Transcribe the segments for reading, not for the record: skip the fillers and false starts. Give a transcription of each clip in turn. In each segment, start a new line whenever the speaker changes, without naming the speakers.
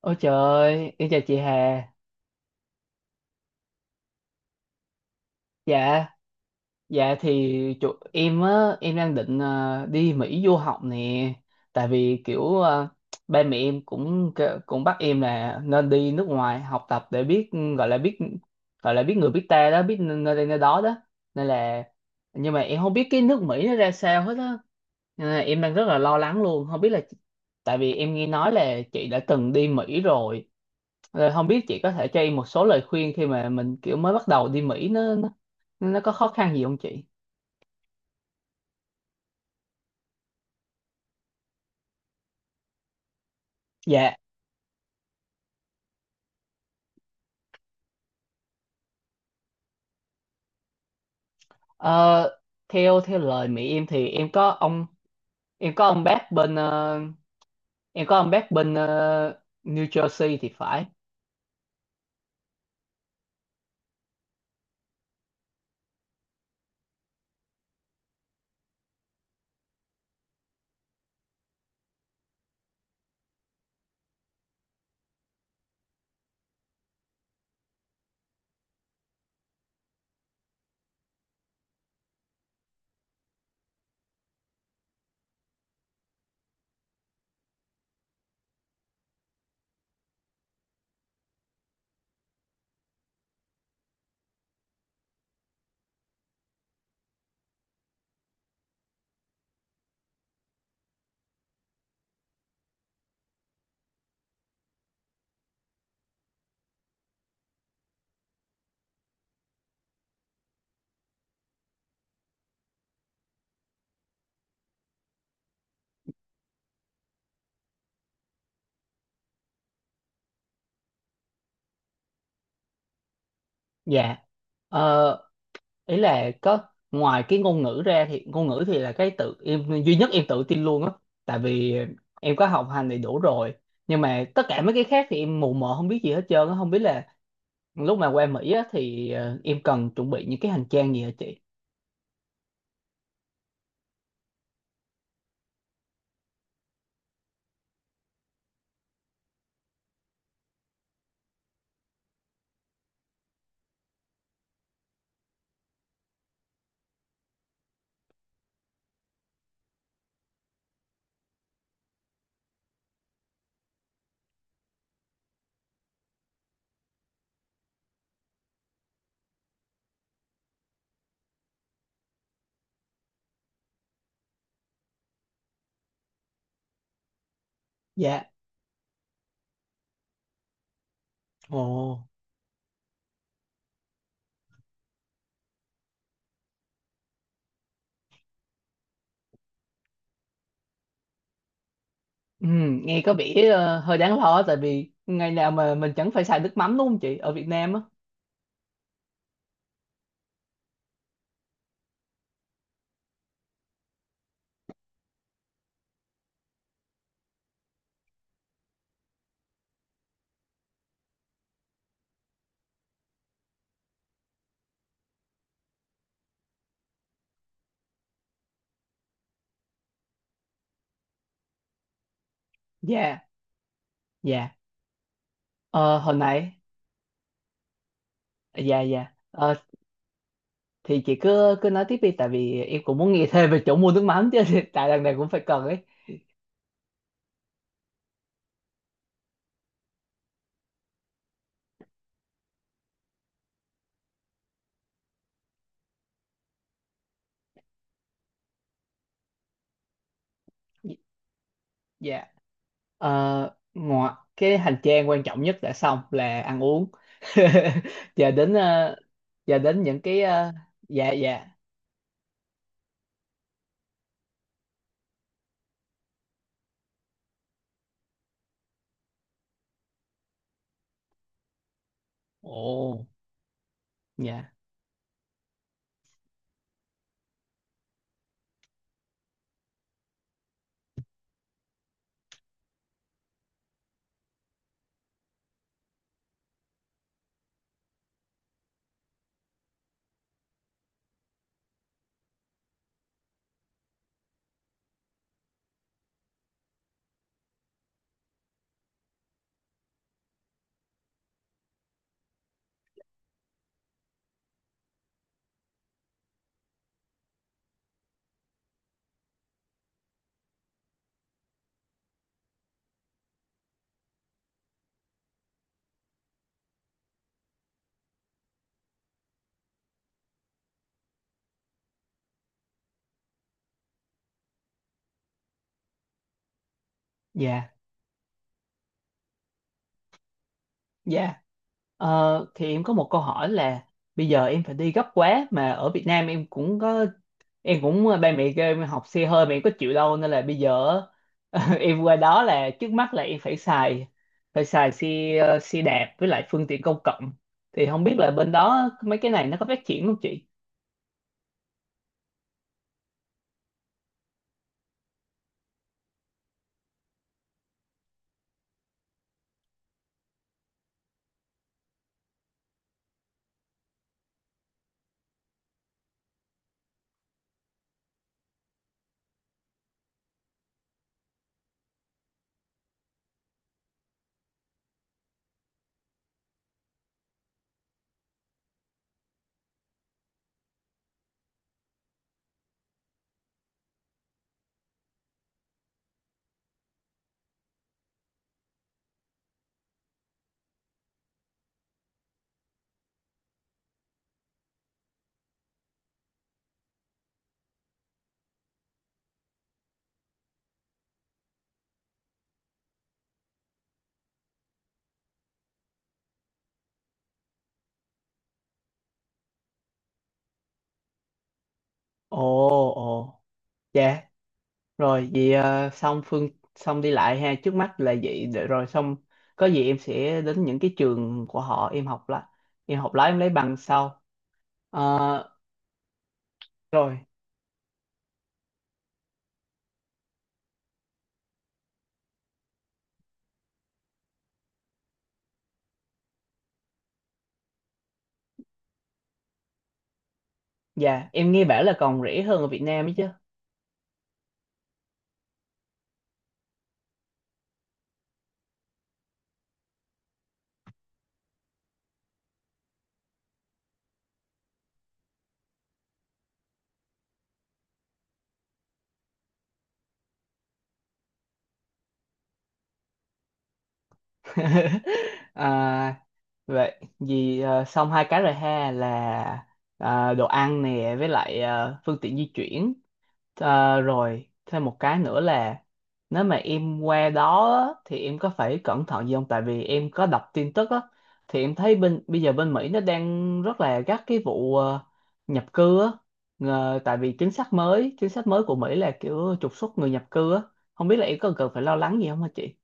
Ôi trời ơi, em chào chị Hà. Dạ, dạ thì em á, em đang định đi Mỹ du học nè. Tại vì kiểu ba mẹ em cũng cũng bắt em là nên đi nước ngoài học tập để biết, gọi là biết, gọi là biết người biết ta đó, biết nơi đây nơi đó đó. Nên là Nhưng mà em không biết cái nước Mỹ nó ra sao hết á. Nên là em đang rất là lo lắng luôn, không biết là, tại vì em nghe nói là chị đã từng đi Mỹ rồi. Rồi không biết chị có thể cho em một số lời khuyên khi mà mình kiểu mới bắt đầu đi Mỹ nó có khó khăn gì không chị? Dạ, ờ, theo theo lời mẹ em thì em có ông bác bên ờ, em có ông bác bên ờ, New Jersey thì phải. Dạ. Ờ, ý là có, ngoài cái ngôn ngữ ra thì ngôn ngữ thì là cái tự em duy nhất em tự tin luôn á, tại vì em có học hành đầy đủ rồi. Nhưng mà tất cả mấy cái khác thì em mù mờ không biết gì hết trơn á, không biết là lúc mà qua Mỹ á, thì em cần chuẩn bị những cái hành trang gì hả chị? Dạ. Ồ. Ừ, nghe có vẻ hơi đáng lo tại vì ngày nào mà mình chẳng phải xài nước mắm, đúng không chị, ở Việt Nam á. Dạ, dạ, ờ, hồi nãy, dạ, dạ. Ờ, thì chị cứ cứ nói tiếp đi, tại vì em cũng muốn nghe thêm về chỗ mua nước mắm chứ, tại lần này cũng phải cần ấy. Dạ, ờ, ngoài cái hành trang quan trọng nhất đã xong là ăn uống. Giờ đến những cái ờ, dạ dạ ồ. Dạ, dạ, dạ. Ờ, thì em có một câu hỏi là bây giờ em phải đi gấp quá mà ở Việt Nam em cũng có, em cũng ờ, ba mẹ kêu em học xe hơi mà em có chịu đâu, nên là bây giờ em qua đó là trước mắt là em phải phải xài xe ờ, xe đạp với lại phương tiện công cộng, thì không biết là bên đó mấy cái này nó có phát triển không chị? Ồ, ồ, dạ. Rồi vậy à, xong xong đi lại ha, trước mắt là vậy, để rồi xong có gì em sẽ đến những cái trường của họ em học lại. Em học lái em lấy bằng sau. Ờ, rồi, dạ, em nghe bảo là còn rẻ hơn ở Việt Nam ấy chứ. À, vậy vì à, xong hai cái rồi ha, là à, đồ ăn nè với lại à, phương tiện di chuyển. Ờ, rồi thêm một cái nữa là nếu mà em qua đó á, thì em có phải cẩn thận gì không? Tại vì em có đọc tin tức á, thì em thấy bên, bây giờ bên Mỹ nó đang rất là gắt cái vụ nhập cư á. Tại vì chính sách mới của Mỹ là kiểu trục xuất người nhập cư á. Không biết là em có cần phải lo lắng gì không hả chị?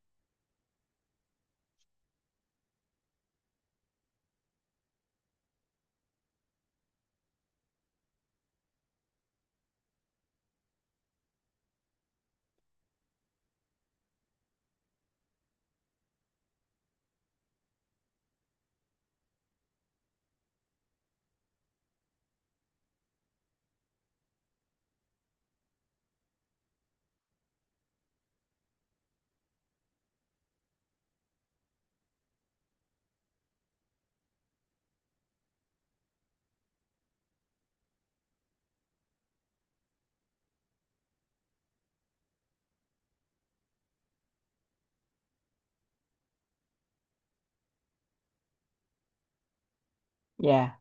Dạ.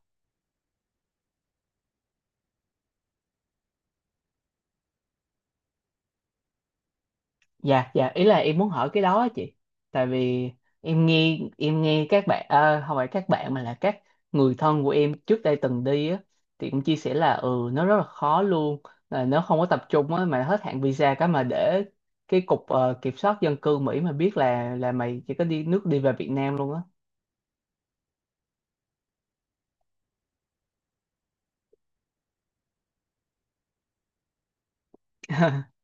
Dạ, dạ, ý là em muốn hỏi cái đó á chị, tại vì em nghe các bạn ờ, không phải các bạn mà là các người thân của em trước đây từng đi á, thì cũng chia sẻ là ừ nó rất là khó luôn, là nó không có tập trung á, mà hết hạn visa cái mà để cái cục kiểm soát dân cư Mỹ mà biết là mày chỉ có đi nước đi về Việt Nam luôn á.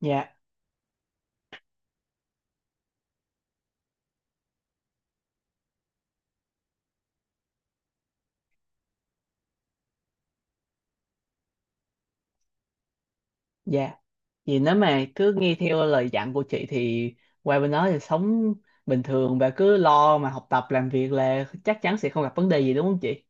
Dạ, dạ, vì nếu mà cứ nghe theo lời dặn của chị thì qua bên đó thì sống bình thường và cứ lo mà học tập làm việc là chắc chắn sẽ không gặp vấn đề gì đúng không chị.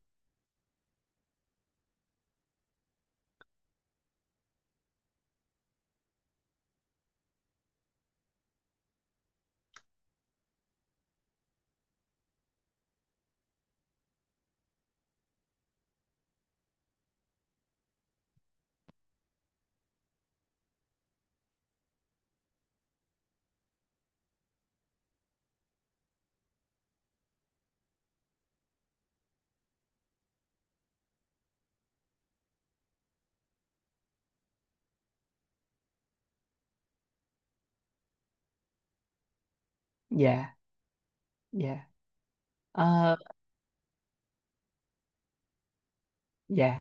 Dạ, dạ. Ờ, dạ,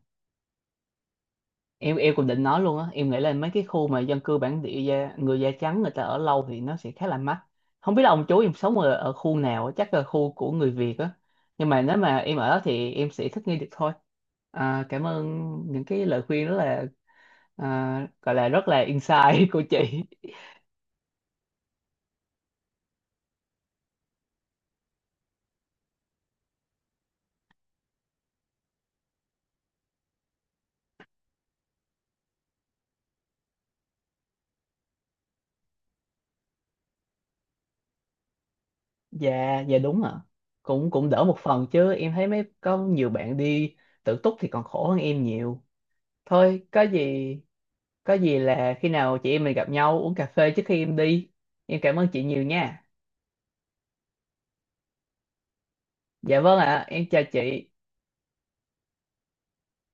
em cũng định nói luôn á, em nghĩ là mấy cái khu mà dân cư bản địa da, người da trắng người ta ở lâu thì nó sẽ khá là mắc. Không biết là ông chú em sống ở, ở khu nào á, chắc là khu của người Việt á, nhưng mà nếu mà em ở đó thì em sẽ thích nghi được thôi. À, cảm ơn những cái lời khuyên rất là à, gọi là rất là insight của chị. Dạ, dạ, đúng ạ, cũng cũng đỡ một phần chứ em thấy mấy có nhiều bạn đi tự túc thì còn khổ hơn em nhiều. Thôi có gì, có gì là khi nào chị em mình gặp nhau uống cà phê trước khi em đi. Em cảm ơn chị nhiều nha. Dạ vâng ạ, em chào chị.